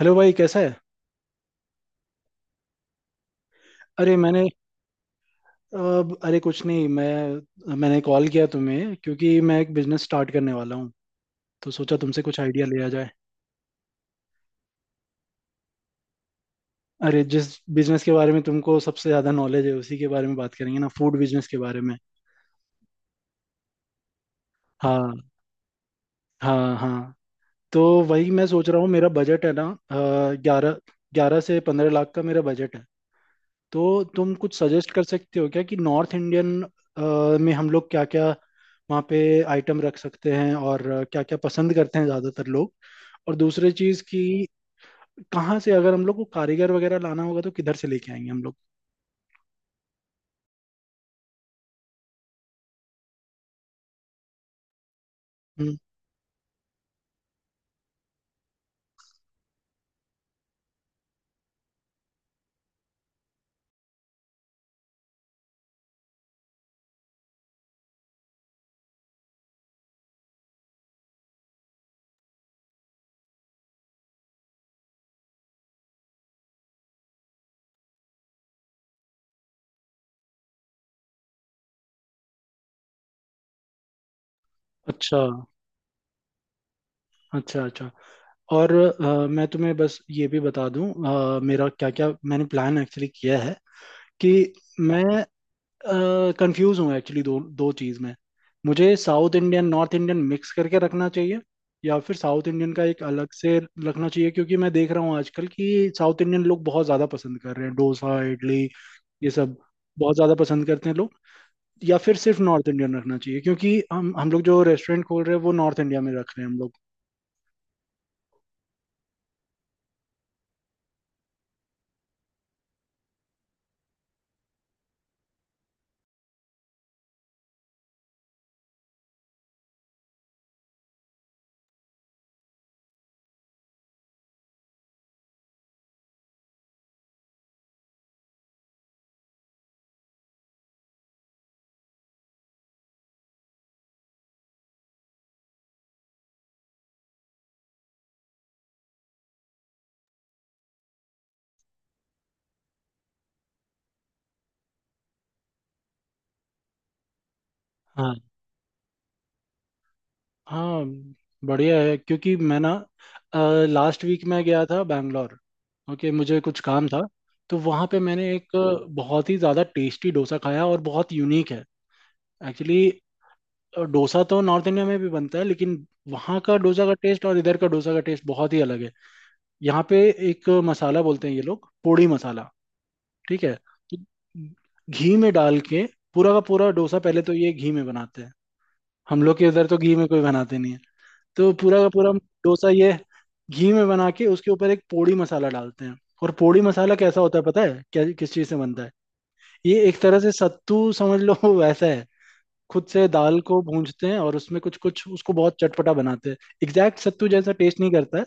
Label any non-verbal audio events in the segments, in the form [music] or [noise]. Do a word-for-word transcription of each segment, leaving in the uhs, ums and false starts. Hello भाई, कैसा है? अरे, मैंने... अब, अरे, कुछ नहीं। मैं मैंने कॉल किया तुम्हें क्योंकि मैं एक बिजनेस स्टार्ट करने वाला हूँ। तो सोचा तुमसे कुछ आइडिया लिया जाए। अरे, जिस बिजनेस के बारे में तुमको सबसे ज्यादा नॉलेज है उसी के बारे में बात करेंगे ना, फूड बिजनेस के बारे में। हाँ। हाँ, हाँ। तो वही मैं सोच रहा हूँ, मेरा बजट है ना। ग्यारह ग्यारह से पंद्रह लाख का मेरा बजट है। तो तुम कुछ सजेस्ट कर सकते हो क्या कि नॉर्थ इंडियन में हम लोग क्या क्या वहाँ पे आइटम रख सकते हैं, और क्या क्या पसंद करते हैं ज़्यादातर लोग? और दूसरी चीज़ कि कहाँ से, अगर हम लोग को कारीगर वगैरह लाना होगा, तो किधर से लेके आएंगे हम लोग? हम्म। अच्छा, अच्छा, अच्छा। और अ, मैं तुम्हें बस ये भी बता दूं। अ, मेरा क्या क्या मैंने प्लान एक्चुअली किया है, कि मैं कंफ्यूज हूँ एक्चुअली दो दो चीज़ में। मुझे south Indian north Indian mix करके रखना चाहिए, या फिर साउथ इंडियन का एक अलग से रखना चाहिए क्योंकि मैं देख रहा हूँ आजकल कि साउथ इंडियन लोग बहुत ज़्यादा पसंद कर रहे हैं डोसा, इडली, ये सब बहुत ज़्यादा पसंद करते हैं लोग? या फिर सिर्फ नॉर्थ इंडियन रखना चाहिए क्योंकि हम हम लोग जो रेस्टोरेंट खोल रहे हैं वो नॉर्थ इंडिया में रख रहे हैं हम लोग। हाँ, बढ़िया है क्योंकि मैं ना लास्ट वीक मैं गया था बैंगलोर। ओके, मुझे कुछ काम था। तो वहाँ पे मैंने एक अ, बहुत ही ज़्यादा टेस्टी डोसा खाया, और बहुत यूनिक है एक्चुअली। डोसा तो नॉर्थ इंडिया में भी बनता है, लेकिन वहाँ का डोसा का टेस्ट और इधर का डोसा का टेस्ट बहुत ही अलग है। यहाँ पे एक मसाला बोलते हैं ये लोग, पोड़ी मसाला। ठीक है। तो घी में डाल के पूरा का पूरा डोसा, पहले तो ये घी में बनाते हैं। हम लोग के इधर तो घी में कोई बनाते नहीं है। तो पूरा का पूरा हम डोसा ये घी में बना के उसके ऊपर एक पोड़ी मसाला डालते हैं। और पोड़ी मसाला कैसा होता है, पता है क्या किस चीज से बनता है? ये एक तरह से सत्तू समझ लो, [laughs] वैसा है। खुद से दाल को भूंजते हैं और उसमें कुछ कुछ उसको बहुत चटपटा बनाते हैं। एग्जैक्ट सत्तू जैसा टेस्ट नहीं करता है,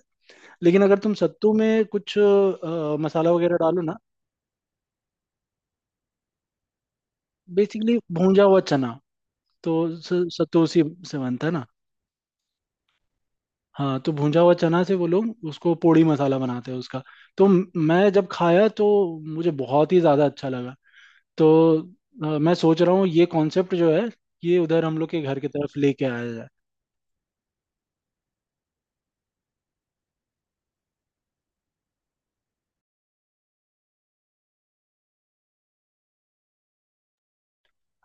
लेकिन अगर तुम सत्तू में कुछ अ, मसाला वगैरह डालो ना। बेसिकली भूंजा हुआ चना, तो स- सत्तू उसी से बनता है ना। हाँ, तो भुंजा हुआ चना से वो लोग उसको पोड़ी मसाला बनाते हैं उसका। तो म- मैं जब खाया तो मुझे बहुत ही ज़्यादा अच्छा लगा। तो अ, मैं सोच रहा हूँ ये कॉन्सेप्ट जो है, ये उधर हम लोग के घर की तरफ लेके आया जाए।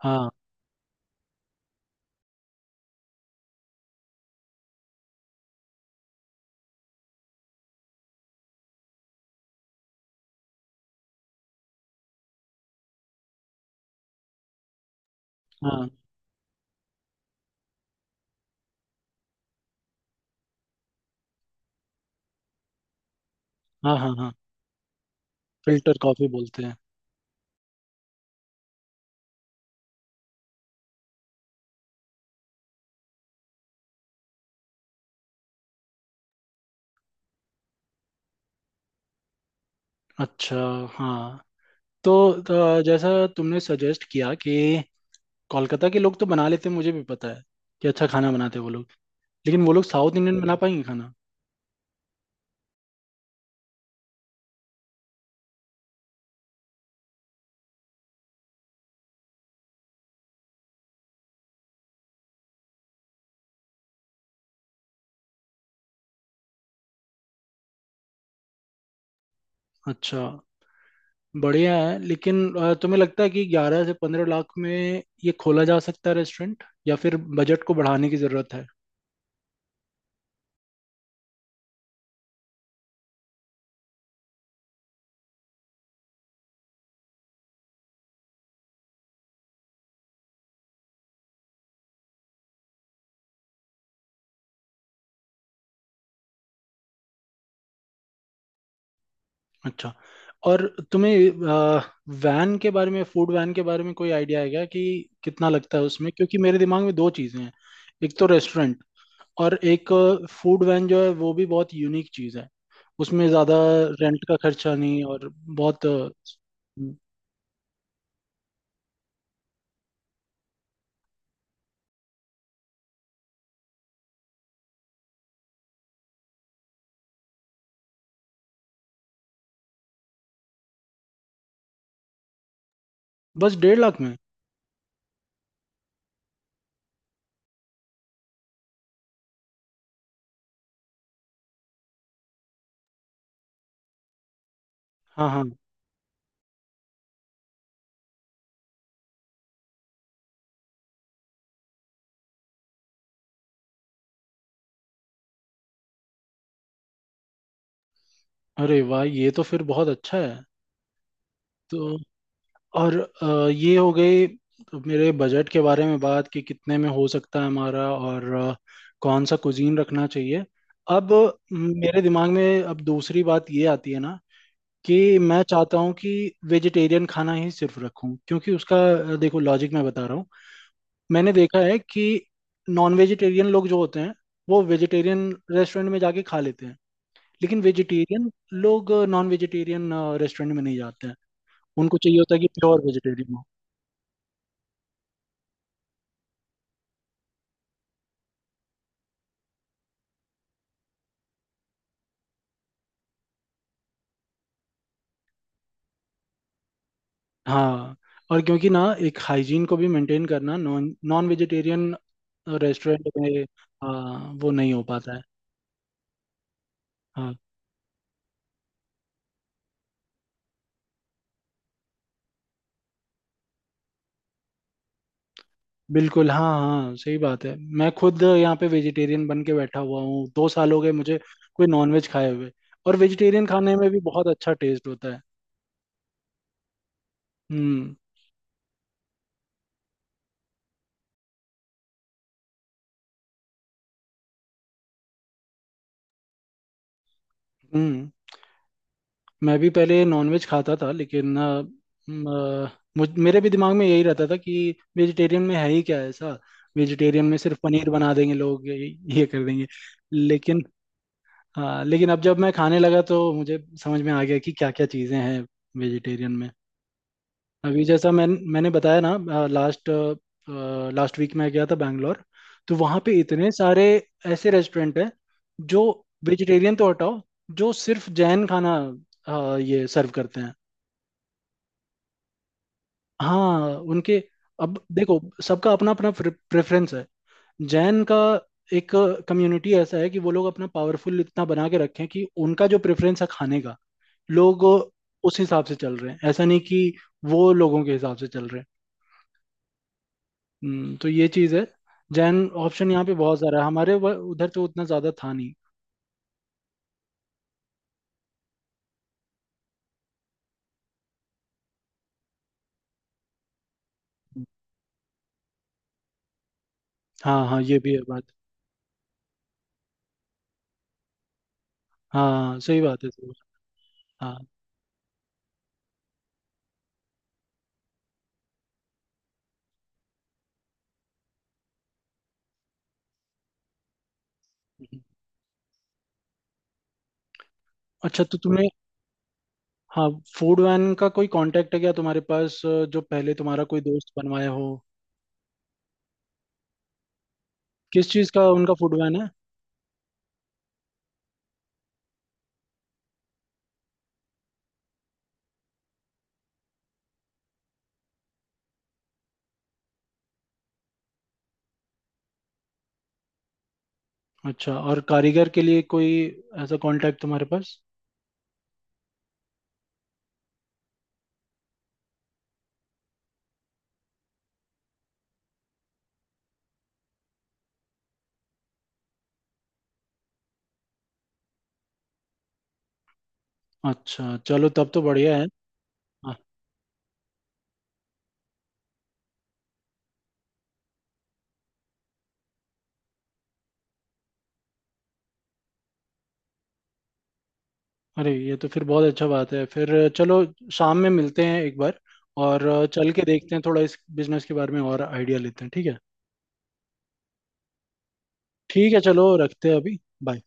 हाँ, हाँ, हाँ, हाँ, हाँ। फिल्टर कॉफ़ी बोलते हैं। अच्छा। हाँ। तो, तो जैसा तुमने सजेस्ट किया कि कोलकाता के लोग तो बना लेते हैं, मुझे भी पता है कि अच्छा खाना बनाते हैं वो लोग, लेकिन वो लोग साउथ इंडियन बना पाएंगे खाना? अच्छा, बढ़िया है। लेकिन अ, तुम्हें लगता है कि ग्यारह से पंद्रह लाख में ये खोला जा सकता है रेस्टोरेंट, या फिर बजट को बढ़ाने की जरूरत है? अच्छा, और तुम्हें वैन के बारे में, फूड वैन के बारे में कोई आइडिया है क्या, कि कितना लगता है उसमें? क्योंकि मेरे दिमाग में दो चीजें हैं, एक तो रेस्टोरेंट और एक फूड वैन, जो है वो भी बहुत यूनिक चीज है। उसमें ज्यादा रेंट का खर्चा नहीं, और बहुत अ, बस डेढ़ लाख में? हाँ, हाँ। अरे वाह, ये तो फिर बहुत अच्छा है। तो और अ, ये हो गई मेरे बजट के बारे में बात, कि कितने में हो सकता है हमारा, और अ, कौन सा कुजीन रखना चाहिए। अब म, मेरे दिमाग में अब दूसरी बात ये आती है ना, कि मैं चाहता हूँ कि वेजिटेरियन खाना ही सिर्फ रखूं, क्योंकि उसका अ, देखो, लॉजिक मैं बता रहा हूँ। मैंने देखा है कि नॉन वेजिटेरियन लोग जो होते हैं वो वेजिटेरियन रेस्टोरेंट में जाके खा लेते हैं, लेकिन वेजिटेरियन लोग नॉन वेजिटेरियन रेस्टोरेंट में नहीं जाते हैं। उनको चाहिए होता है कि प्योर वेजिटेरियन। हाँ, और क्योंकि ना एक हाइजीन को भी मेंटेन करना नॉन नॉन वेजिटेरियन रेस्टोरेंट में। हाँ, वो नहीं हो पाता है। हाँ। बिल्कुल, हाँ, हाँ, सही बात है। मैं खुद यहाँ पे वेजिटेरियन बन के बैठा हुआ हूँ, दो साल हो गए मुझे कोई नॉनवेज खाए हुए। और वेजिटेरियन खाने में भी बहुत अच्छा टेस्ट होता है। हम्म। हम्म। मैं भी पहले नॉनवेज खाता था, लेकिन अ, म, अ, मुझ मेरे भी दिमाग में यही रहता था कि वेजिटेरियन में है ही क्या ऐसा? वेजिटेरियन में सिर्फ पनीर बना देंगे लोग, ये, ये कर देंगे। लेकिन हाँ, लेकिन अब जब मैं खाने लगा तो मुझे समझ में आ गया कि क्या क्या चीज़ें हैं वेजिटेरियन में। अभी जैसा मैं... मैंने बताया ना लास्ट लास्ट वीक मैं गया था बैंगलोर। तो वहाँ पे इतने सारे ऐसे रेस्टोरेंट हैं जो वेजिटेरियन तो हटाओ, जो सिर्फ जैन खाना अ, ये सर्व करते हैं। हाँ, उनके... अब देखो, सबका अपना अपना प्रेफरेंस है। जैन का एक कम्युनिटी ऐसा है कि वो लोग अपना पावरफुल इतना बना के रखे हैं कि उनका जो प्रेफरेंस है खाने का, लोग उस हिसाब से चल रहे हैं, ऐसा नहीं कि वो लोगों के हिसाब से चल रहे हैं। हम्म। तो ये चीज़ है। जैन ऑप्शन यहाँ पे बहुत सारा है, हमारे व- उधर तो उतना ज़्यादा था नहीं। हाँ, हाँ, ये भी है बात। हाँ, सही बात है, सही बात। हाँ। अच्छा, तो तुमने... हाँ, फूड वैन का कोई कांटेक्ट है क्या तुम्हारे पास, अ, जो पहले तुम्हारा कोई दोस्त बनवाया हो? किस चीज़ का उनका फूड वैन है? अच्छा, और कारीगर के लिए कोई ऐसा कांटेक्ट तुम्हारे पास? अच्छा, चलो, तब तो बढ़िया है। हाँ। अरे, ये तो फिर बहुत अच्छा बात है। फिर चलो, शाम में मिलते हैं एक बार, और अ, चल के देखते हैं थोड़ा इस बिजनेस के बारे में और आइडिया लेते हैं, ठीक है? ठीक है, चलो, रखते हैं अभी। Bye.